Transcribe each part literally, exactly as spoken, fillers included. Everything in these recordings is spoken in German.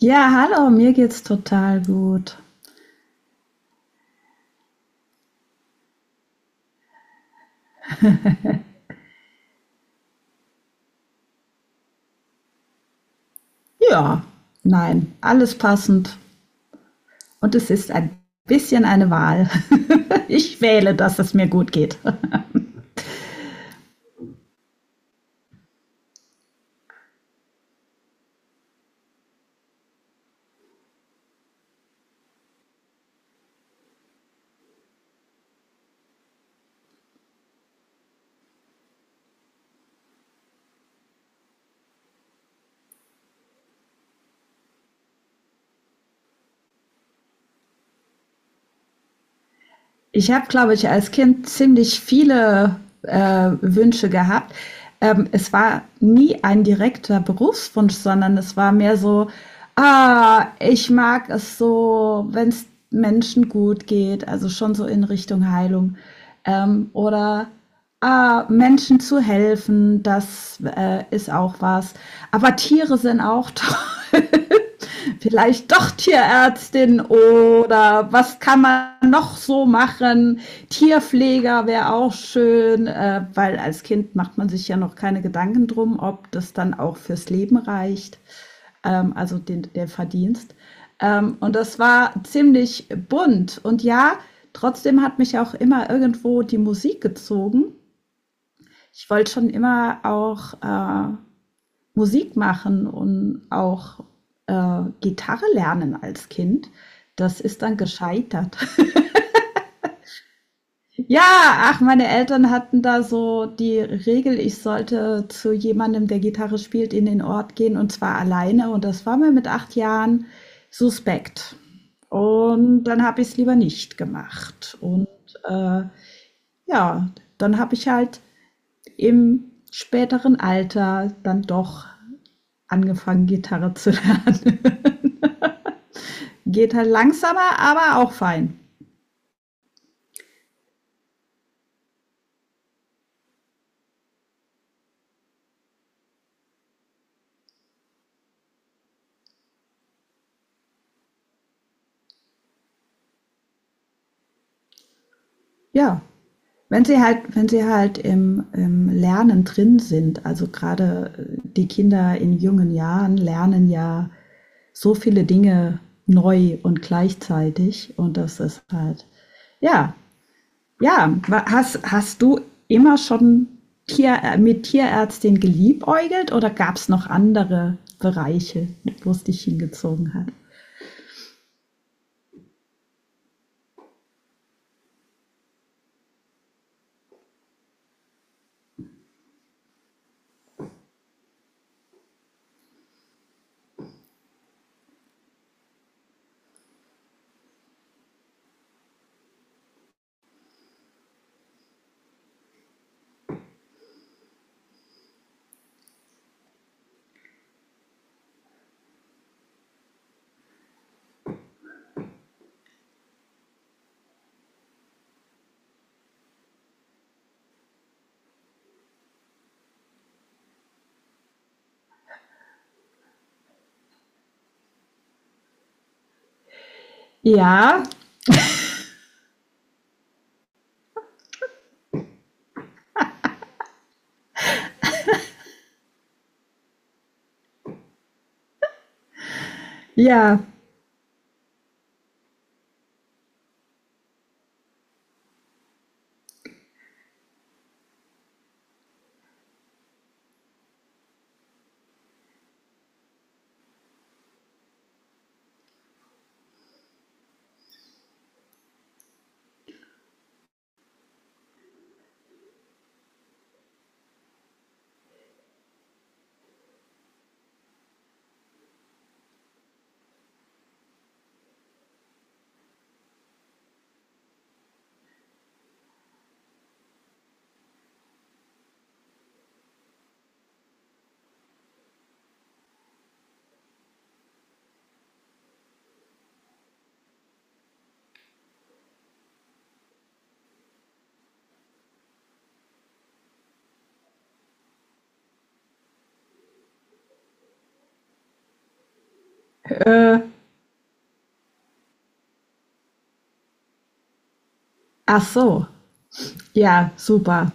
Ja, hallo, mir geht's total gut. Ja, nein, alles passend. Und es ist ein bisschen eine Wahl. Ich wähle, dass es mir gut geht. Ich habe, glaube ich, als Kind ziemlich viele äh, Wünsche gehabt. Ähm, es war nie ein direkter Berufswunsch, sondern es war mehr so, ah, ich mag es so, wenn es Menschen gut geht, also schon so in Richtung Heilung. Ähm, oder ah, Menschen zu helfen, das äh, ist auch was. Aber Tiere sind auch toll. Vielleicht doch Tierärztin oder was kann man noch so machen? Tierpfleger wäre auch schön, äh, weil als Kind macht man sich ja noch keine Gedanken drum, ob das dann auch fürs Leben reicht, ähm, also den, der Verdienst. Ähm, und das war ziemlich bunt. Und ja, trotzdem hat mich auch immer irgendwo die Musik gezogen. Ich wollte schon immer auch äh, Musik machen und auch äh, Gitarre lernen als Kind. Das ist dann gescheitert. Ja, ach, meine Eltern hatten da so die Regel, ich sollte zu jemandem, der Gitarre spielt, in den Ort gehen und zwar alleine. Und das war mir mit acht Jahren suspekt. Und dann habe ich es lieber nicht gemacht. Und äh, ja, dann habe ich halt im späteren Alter dann doch angefangen, Gitarre zu lernen. Geht halt langsamer, aber auch fein. Ja. Wenn sie halt, wenn sie halt im, im Lernen drin sind, also gerade äh, die Kinder in jungen Jahren lernen ja so viele Dinge neu und gleichzeitig. Und das ist halt, ja, ja. Hast, hast du immer schon Tier, äh, mit Tierärztin geliebäugelt oder gab es noch andere Bereiche, wo es dich hingezogen hat? Ja, ja, äh, ach so. Ja, super.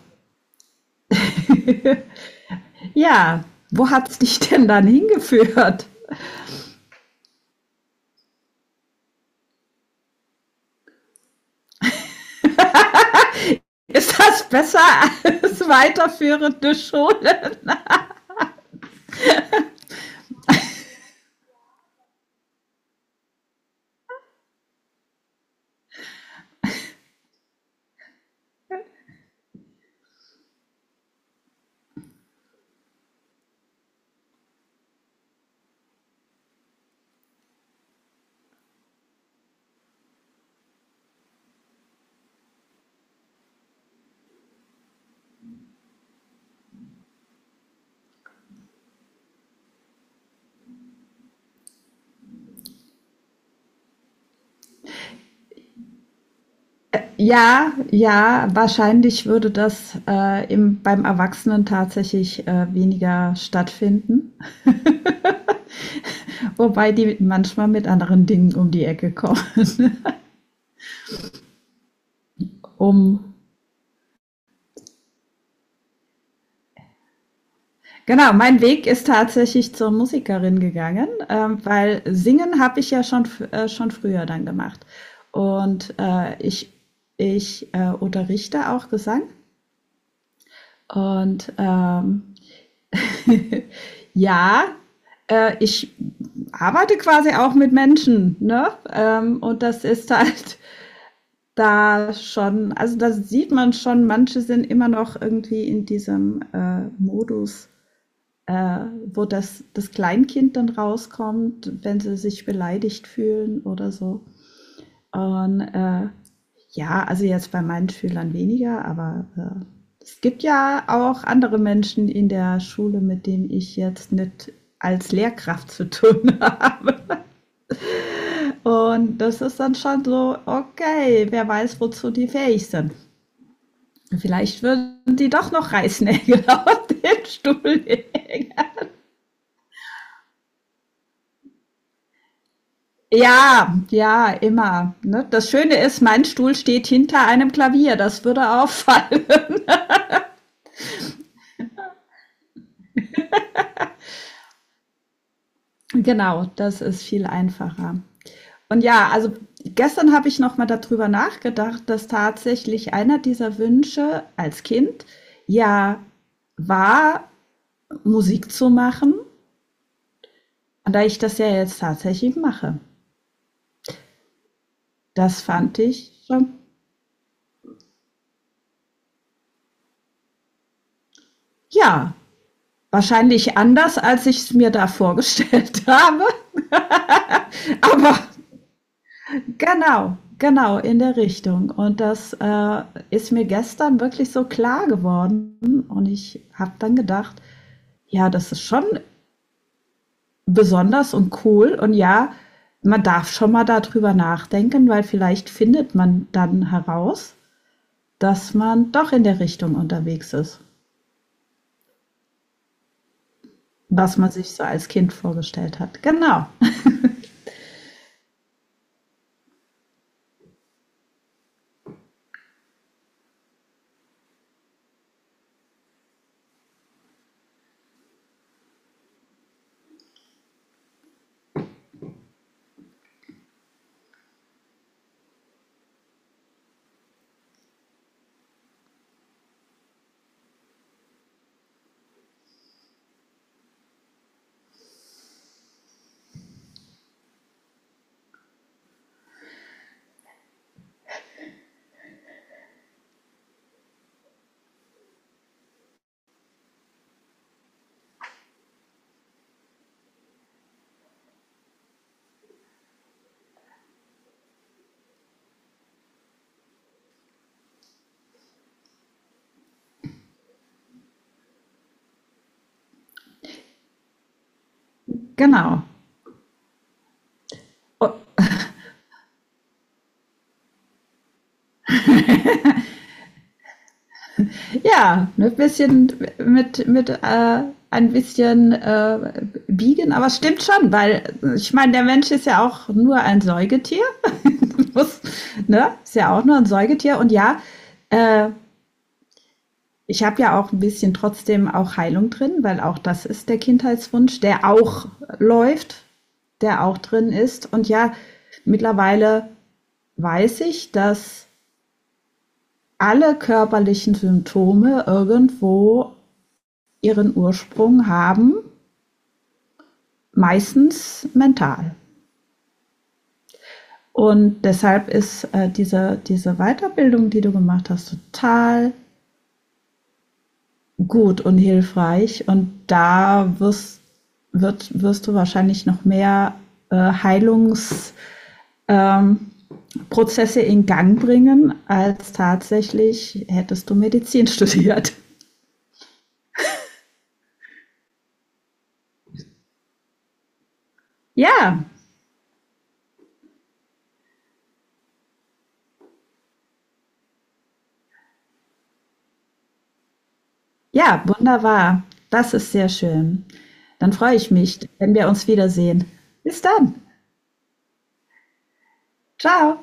Ja, wo hat's dich denn dann hingeführt? Ist das besser als weiterführende Schule? Ja, ja, wahrscheinlich würde das äh, im, beim Erwachsenen tatsächlich äh, weniger stattfinden. Wobei die manchmal mit anderen Dingen um die Ecke kommen. Um Genau, mein Weg ist tatsächlich zur Musikerin gegangen, ähm, weil Singen habe ich ja schon, f- äh, schon früher dann gemacht. Und äh, ich, ich äh, unterrichte auch Gesang. Und ähm, ja, äh, ich arbeite quasi auch mit Menschen, ne? Ähm, und das ist halt da schon, also da sieht man schon, manche sind immer noch irgendwie in diesem äh, Modus äh, wo das, das Kleinkind dann rauskommt, wenn sie sich beleidigt fühlen oder so. Und äh, ja, also jetzt bei meinen Schülern weniger, aber äh, es gibt ja auch andere Menschen in der Schule, mit denen ich jetzt nicht als Lehrkraft zu tun habe. Und das ist dann schon so, okay, wer weiß, wozu die fähig sind. Vielleicht würden die doch noch Reißnägel auf den Stuhl legen. Ja, ja, immer. Ne? Das Schöne ist, mein Stuhl steht hinter einem Klavier. Das würde auffallen. Genau, das ist viel einfacher. Und ja, also gestern habe ich noch mal darüber nachgedacht, dass tatsächlich einer dieser Wünsche als Kind ja war, Musik zu machen. Und da ich das ja jetzt tatsächlich mache, das fand ich schon, ja, wahrscheinlich anders, als ich es mir da vorgestellt habe. Aber Genau, genau, in der Richtung. Und das äh, ist mir gestern wirklich so klar geworden. Und ich habe dann gedacht, ja, das ist schon besonders und cool. Und ja, man darf schon mal darüber nachdenken, weil vielleicht findet man dann heraus, dass man doch in der Richtung unterwegs ist, was man sich so als Kind vorgestellt hat. Genau, genau. Und Ja, ein bisschen mit, mit äh, ein bisschen äh, biegen, aber stimmt schon, weil ich meine, der Mensch ist ja auch nur ein Säugetier. Ne? Ist ja auch nur ein Säugetier. Und ja, äh, ich habe ja auch ein bisschen trotzdem auch Heilung drin, weil auch das ist der Kindheitswunsch, der auch läuft, der auch drin ist. Und ja, mittlerweile weiß ich, dass alle körperlichen Symptome irgendwo ihren Ursprung haben, meistens mental. Und deshalb ist äh, diese, diese Weiterbildung, die du gemacht hast, total gut und hilfreich. Und da wirst, wird, wirst du wahrscheinlich noch mehr äh, Heilungsprozesse ähm, in Gang bringen, als tatsächlich hättest du Medizin studiert. Ja, ja, wunderbar. Das ist sehr schön. Dann freue ich mich, wenn wir uns wiedersehen. Bis dann. Ciao.